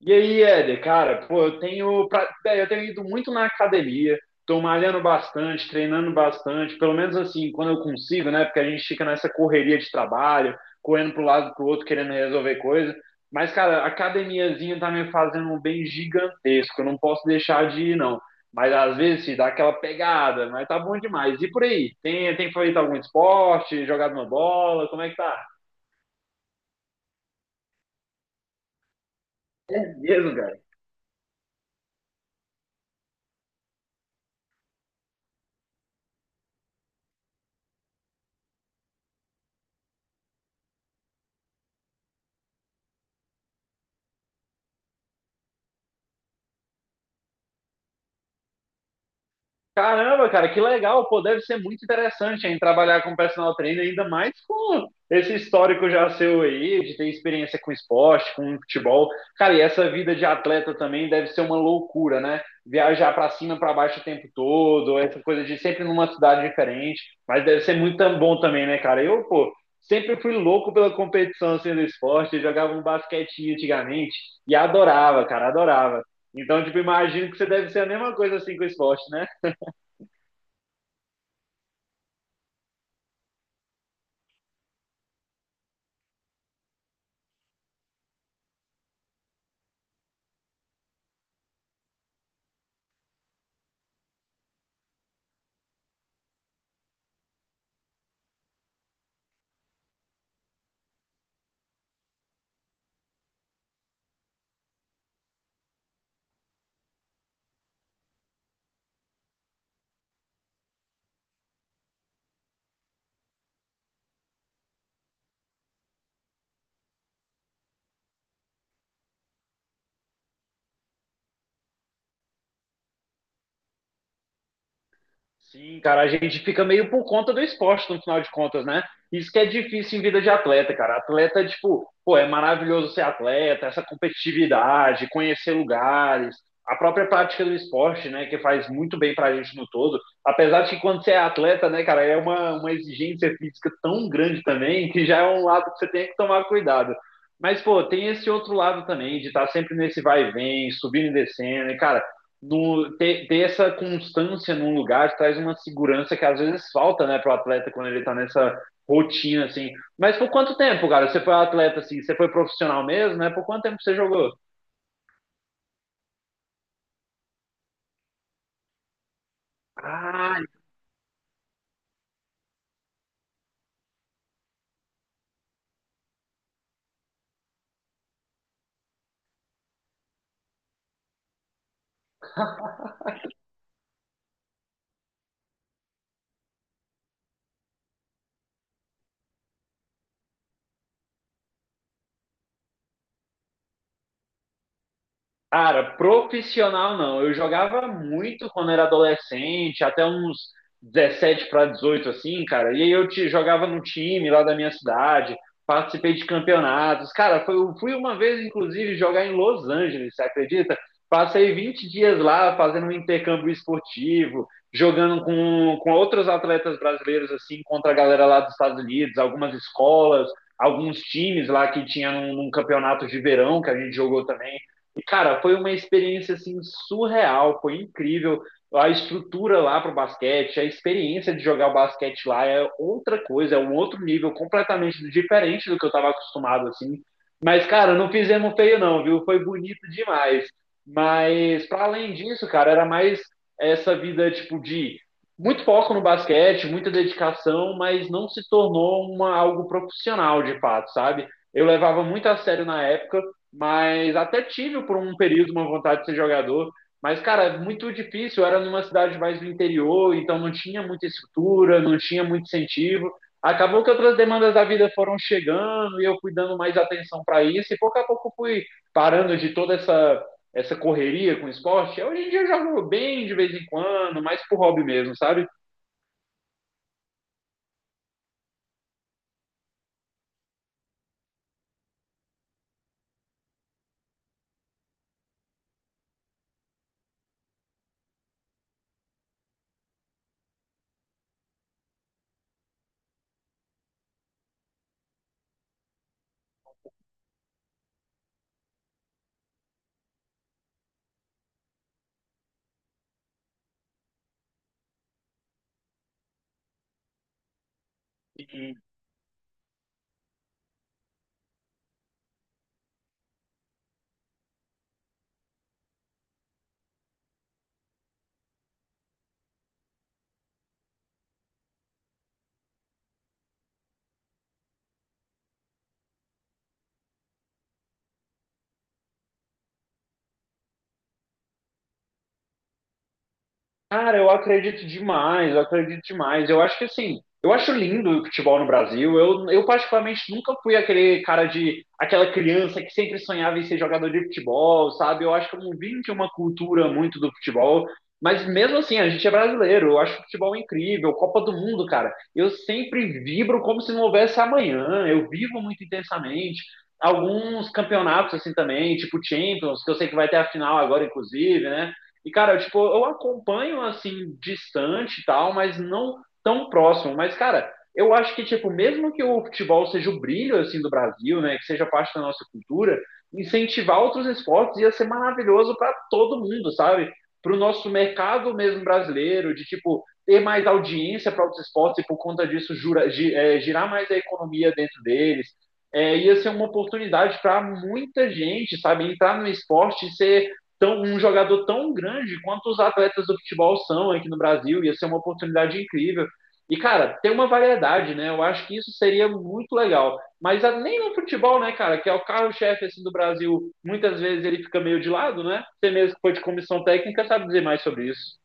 E aí, Éder, cara, pô, velho, eu tenho ido muito na academia, tô malhando bastante, treinando bastante, pelo menos assim, quando eu consigo, né? Porque a gente fica nessa correria de trabalho, correndo pro lado e pro outro, querendo resolver coisa. Mas, cara, a academiazinha tá me fazendo um bem gigantesco, eu não posso deixar de ir, não. Mas às vezes se dá aquela pegada, mas tá bom demais. E por aí? Tem feito algum esporte, jogado uma bola? Como é que tá? É mesmo, cara. Caramba, cara, que legal. Pô, deve ser muito interessante hein, trabalhar com personal trainer, ainda mais com esse histórico já seu aí, de ter experiência com esporte, com futebol. Cara, e essa vida de atleta também deve ser uma loucura, né? Viajar pra cima, pra baixo o tempo todo, essa coisa de sempre numa cidade diferente. Mas deve ser muito bom também, né, cara? Eu, pô, sempre fui louco pela competição assim, do esporte. Eu jogava um basquetinho antigamente e adorava, cara, adorava. Então, tipo, imagino que você deve ser a mesma coisa assim com o esporte, né? Sim, cara, a gente fica meio por conta do esporte, no final de contas, né? Isso que é difícil em vida de atleta, cara. Atleta, tipo, pô, é maravilhoso ser atleta, essa competitividade, conhecer lugares, a própria prática do esporte, né, que faz muito bem pra gente no todo. Apesar de que quando você é atleta, né, cara, é uma exigência física tão grande também, que já é um lado que você tem que tomar cuidado. Mas, pô, tem esse outro lado também, de estar sempre nesse vai e vem, subindo e descendo, e, cara, ter essa constância num lugar traz uma segurança que às vezes falta, né, para o atleta quando ele está nessa rotina, assim. Mas por quanto tempo, cara? Você foi atleta, assim, você foi profissional mesmo, né? Por quanto tempo você jogou? Ah, Cara, profissional não. Eu jogava muito quando era adolescente, até uns 17 para 18 assim, cara. Jogava no time lá da minha cidade, participei de campeonatos. Cara, eu fui uma vez, inclusive, jogar em Los Angeles, você acredita? Passei 20 dias lá fazendo um intercâmbio esportivo, jogando com outros atletas brasileiros, assim, contra a galera lá dos Estados Unidos, algumas escolas, alguns times lá que tinha num campeonato de verão que a gente jogou também. E, cara, foi uma experiência assim surreal, foi incrível. A estrutura lá para o basquete, a experiência de jogar o basquete lá é outra coisa, é um outro nível completamente diferente do que eu estava acostumado assim. Mas, cara, não fizemos feio não, viu? Foi bonito demais. Mas para além disso, cara, era mais essa vida tipo de muito foco no basquete, muita dedicação, mas não se tornou uma algo profissional de fato, sabe? Eu levava muito a sério na época, mas até tive por um período uma vontade de ser jogador. Mas, cara, muito difícil. Eu era numa cidade mais do interior, então não tinha muita estrutura, não tinha muito incentivo. Acabou que outras demandas da vida foram chegando e eu fui dando mais atenção para isso. E pouco a pouco fui parando de essa correria com o esporte. Hoje em dia eu jogo bem de vez em quando, mais por hobby mesmo, sabe? Uhum. Cara, eu acredito demais, eu acredito demais. Eu acho que assim, eu acho lindo o futebol no Brasil. Eu particularmente nunca fui aquele cara de aquela criança que sempre sonhava em ser jogador de futebol, sabe? Eu acho que eu não vim de uma cultura muito do futebol, mas mesmo assim, a gente é brasileiro. Eu acho futebol incrível, Copa do Mundo, cara. Eu sempre vibro como se não houvesse amanhã. Eu vivo muito intensamente. Alguns campeonatos assim também, tipo Champions, que eu sei que vai ter a final agora, inclusive, né? E, cara, eu acompanho assim, distante e tal, mas não tão próximo. Mas, cara, eu acho que, tipo, mesmo que o futebol seja o brilho, assim, do Brasil, né, que seja parte da nossa cultura, incentivar outros esportes ia ser maravilhoso para todo mundo, sabe? Para o nosso mercado mesmo brasileiro, de, tipo, ter mais audiência para outros esportes e, por conta disso, girar mais a economia dentro deles. É, ia ser uma oportunidade para muita gente, sabe? Entrar no esporte e ser um jogador tão grande quanto os atletas do futebol são aqui no Brasil. Ia ser uma oportunidade incrível. E, cara, tem uma variedade, né? Eu acho que isso seria muito legal. Mas nem no futebol, né, cara, que é o carro-chefe assim, do Brasil, muitas vezes ele fica meio de lado, né? Você mesmo que foi de comissão técnica sabe dizer mais sobre isso.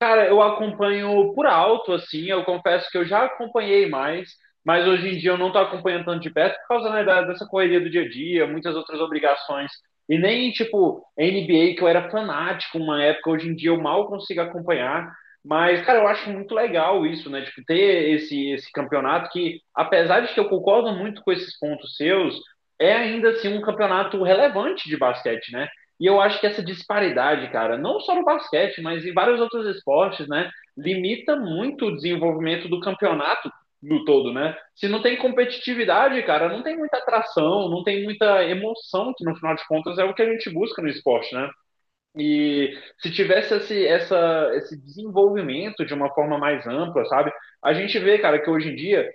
Cara, eu acompanho por alto, assim, eu confesso que eu já acompanhei mais, mas hoje em dia eu não tô acompanhando tanto de perto por causa, né, dessa correria do dia a dia, muitas outras obrigações. E nem, tipo, NBA, que eu era fanático uma época, hoje em dia eu mal consigo acompanhar. Mas, cara, eu acho muito legal isso, né? Tipo, ter esse campeonato que, apesar de que eu concordo muito com esses pontos seus, é ainda assim um campeonato relevante de basquete, né? E eu acho que essa disparidade, cara, não só no basquete, mas em vários outros esportes, né, limita muito o desenvolvimento do campeonato no todo, né? Se não tem competitividade, cara, não tem muita atração, não tem muita emoção, que no final de contas é o que a gente busca no esporte, né? E se tivesse esse desenvolvimento de uma forma mais ampla, sabe? A gente vê, cara, que hoje em dia,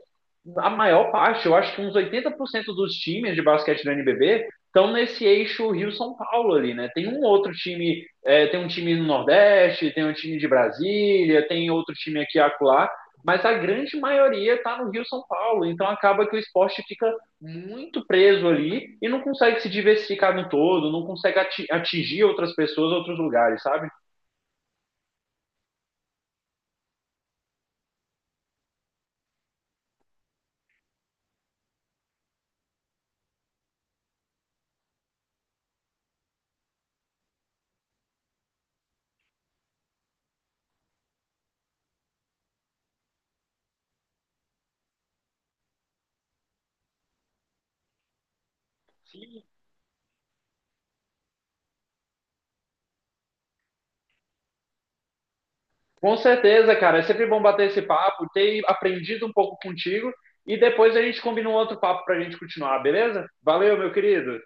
a maior parte, eu acho que uns 80% dos times de basquete do NBB estão nesse eixo Rio-São Paulo ali, né? Tem um outro time, é, tem um time no Nordeste, tem um time de Brasília, tem outro time aqui e acolá, mas a grande maioria está no Rio-São Paulo, então acaba que o esporte fica muito preso ali e não consegue se diversificar no todo, não consegue atingir outras pessoas, outros lugares, sabe? Sim. Com certeza, cara. É sempre bom bater esse papo, ter aprendido um pouco contigo e depois a gente combina um outro papo pra gente continuar, beleza? Valeu, meu querido.